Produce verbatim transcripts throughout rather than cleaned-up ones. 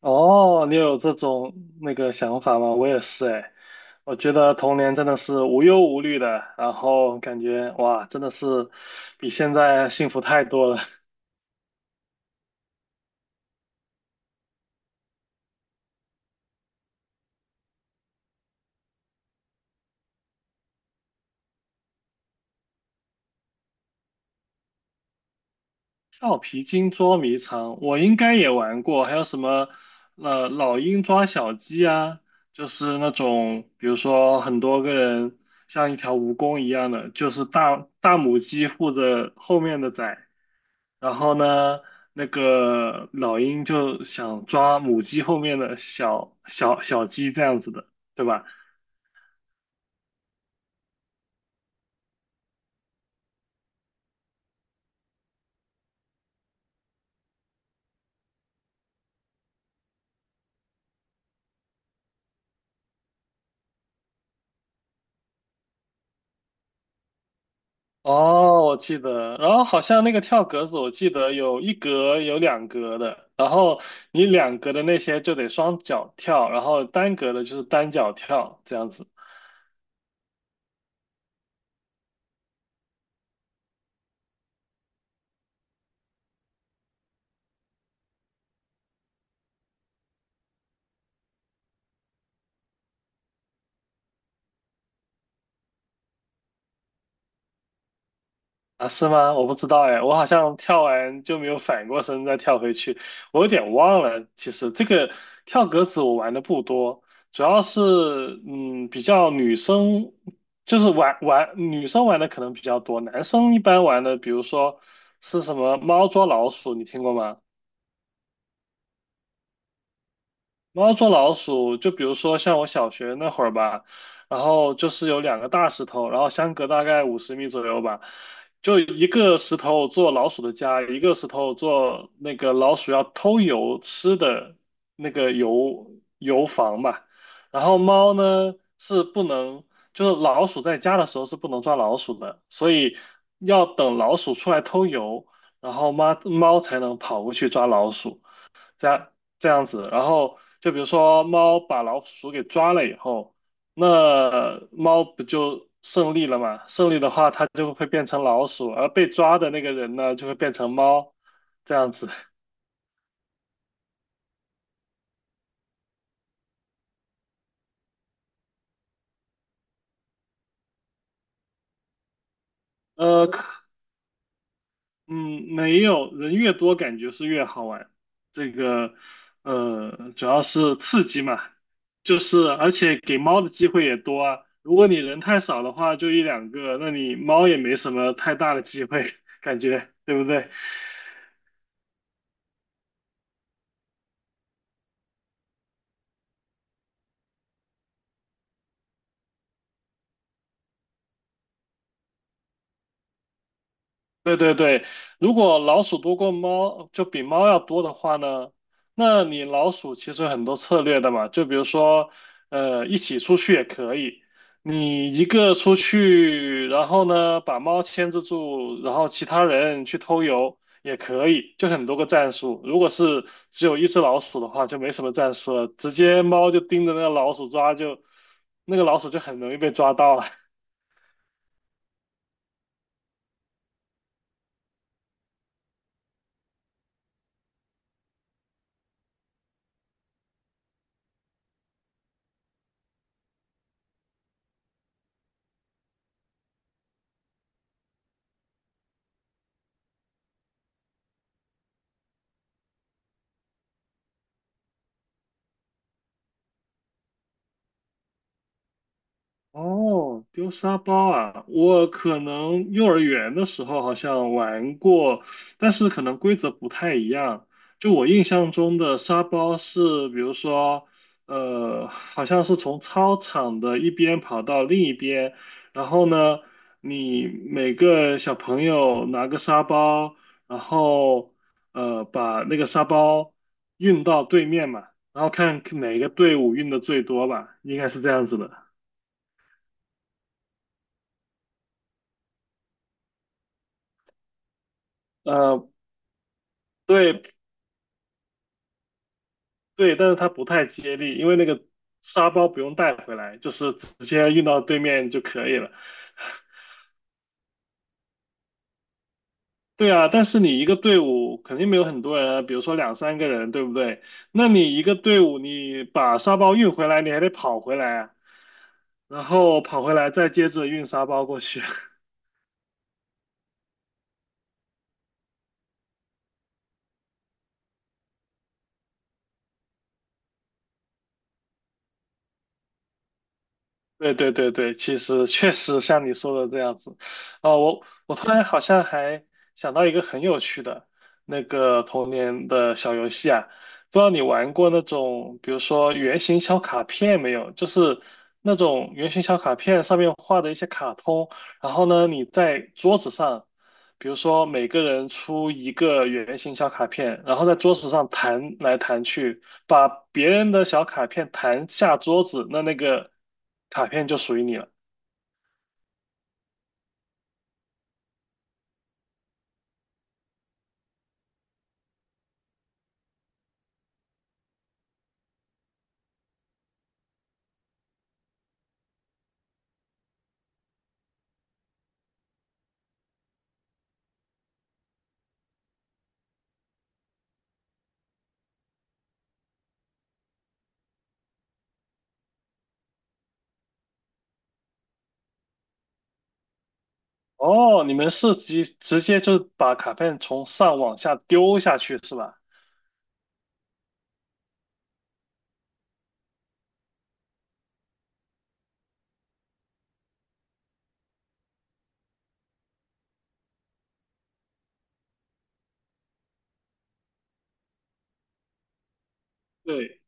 哦，你有这种那个想法吗？我也是哎，我觉得童年真的是无忧无虑的，然后感觉哇，真的是比现在幸福太多了。跳皮筋捉迷藏，我应该也玩过，还有什么呃老鹰抓小鸡啊，就是那种比如说很多个人像一条蜈蚣一样的，就是大大母鸡护着后面的崽，然后呢那个老鹰就想抓母鸡后面的小小小鸡这样子的，对吧？哦，我记得，然后好像那个跳格子，我记得有一格有两格的，然后你两格的那些就得双脚跳，然后单格的就是单脚跳，这样子。啊？是吗？我不知道哎，我好像跳完就没有反过身再跳回去，我有点忘了。其实这个跳格子我玩的不多，主要是嗯比较女生，就是玩玩女生玩的可能比较多，男生一般玩的比如说是什么猫捉老鼠，你听过吗？猫捉老鼠，就比如说像我小学那会儿吧，然后就是有两个大石头，然后相隔大概五十米左右吧，就一个石头做老鼠的家，一个石头做那个老鼠要偷油吃的那个油油房吧。然后猫呢是不能，就是老鼠在家的时候是不能抓老鼠的，所以要等老鼠出来偷油，然后猫猫才能跑过去抓老鼠。这样这样子，然后就比如说猫把老鼠给抓了以后，那猫不就胜利了嘛？胜利的话，它就会变成老鼠，而被抓的那个人呢，就会变成猫，这样子。呃，可嗯，没有，人越多感觉是越好玩。这个，呃，主要是刺激嘛，就是而且给猫的机会也多啊。如果你人太少的话，就一两个，那你猫也没什么太大的机会，感觉，对不对？对对对，如果老鼠多过猫，就比猫要多的话呢，那你老鼠其实有很多策略的嘛，就比如说，呃，一起出去也可以，你一个出去，然后呢把猫牵制住，然后其他人去偷油也可以，就很多个战术。如果是只有一只老鼠的话，就没什么战术了，直接猫就盯着那个老鼠抓就，那个老鼠就很容易被抓到了。哦，丢沙包啊！我可能幼儿园的时候好像玩过，但是可能规则不太一样。就我印象中的沙包是，比如说，呃，好像是从操场的一边跑到另一边，然后呢，你每个小朋友拿个沙包，然后呃把那个沙包运到对面嘛，然后看哪个队伍运的最多吧，应该是这样子的。呃，对对，但是它不太接力，因为那个沙包不用带回来，就是直接运到对面就可以了。对啊，但是你一个队伍肯定没有很多人啊，比如说两三个人，对不对？那你一个队伍，你把沙包运回来，你还得跑回来啊，然后跑回来再接着运沙包过去。对对对对，其实确实像你说的这样子，啊、我我突然好像还想到一个很有趣的那个童年的小游戏啊，不知道你玩过那种，比如说圆形小卡片没有？就是那种圆形小卡片上面画的一些卡通，然后呢，你在桌子上。比如说每个人出一个圆形小卡片，然后在桌子上弹来弹去，把别人的小卡片弹下桌子，那那个卡片就属于你了。哦，你们是直直接就是把卡片从上往下丢下去是吧？对，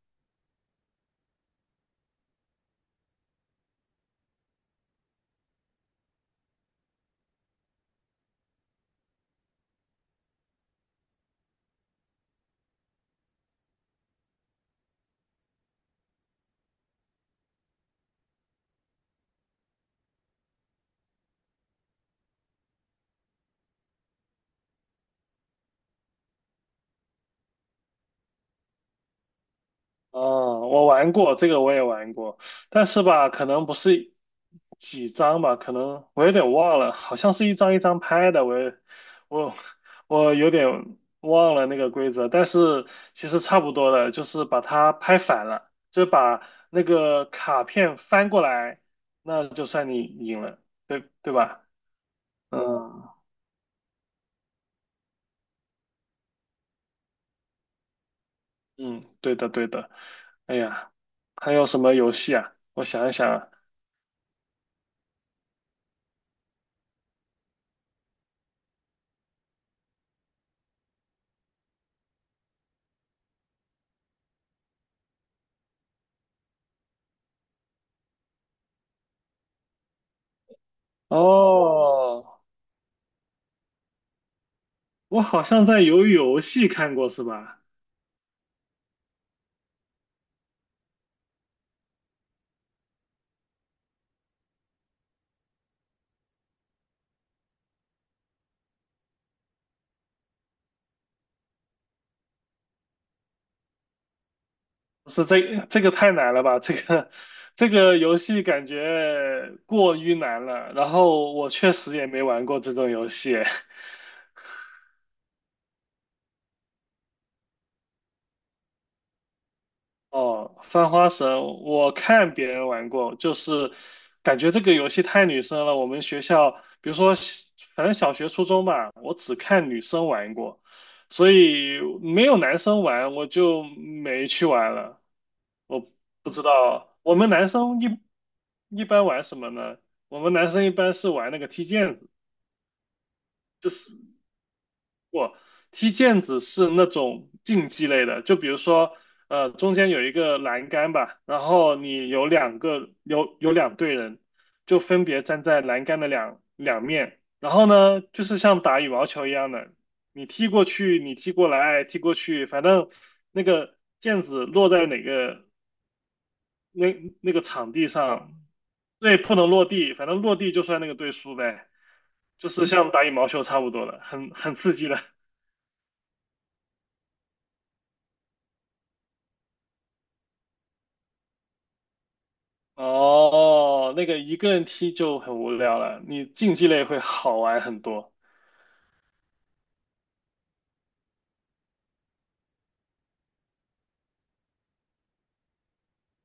哦，我玩过这个，我也玩过，但是吧，可能不是几张吧，可能我有点忘了，好像是一张一张拍的，我也我我有点忘了那个规则，但是其实差不多的，就是把它拍反了，就把那个卡片翻过来，那就算你赢了，对对吧？嗯嗯，对的对的。哎呀，还有什么游戏啊？我想一想啊，哦。我好像在鱿鱼游戏看过，是吧？不是这这个太难了吧？这个这个游戏感觉过于难了。然后我确实也没玩过这种游戏。哦，翻花绳，我看别人玩过，就是感觉这个游戏太女生了。我们学校，比如说小反正小学、初中吧，我只看女生玩过，所以没有男生玩，我就没去玩了。我不知道，我们男生一一般玩什么呢？我们男生一般是玩那个踢毽子，就是我踢毽子是那种竞技类的，就比如说，呃，中间有一个栏杆吧，然后你有两个有有两队人，就分别站在栏杆的两两面，然后呢，就是像打羽毛球一样的，你踢过去，你踢过来，踢过去，反正那个毽子落在哪个那那个场地上，对，不能落地，反正落地就算那个队输呗，就是像打羽毛球差不多的，很很刺激的。哦，那个一个人踢就很无聊了，你竞技类会好玩很多。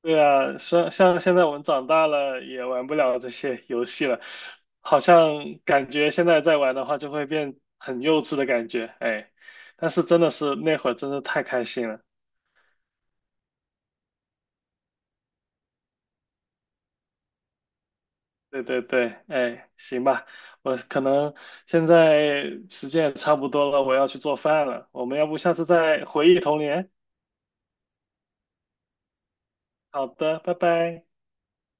对啊，像像现在我们长大了也玩不了这些游戏了，好像感觉现在再玩的话就会变很幼稚的感觉，哎，但是真的是那会儿真的太开心了。对对对，哎，行吧，我可能现在时间也差不多了，我要去做饭了。我们要不下次再回忆童年？好的，拜拜。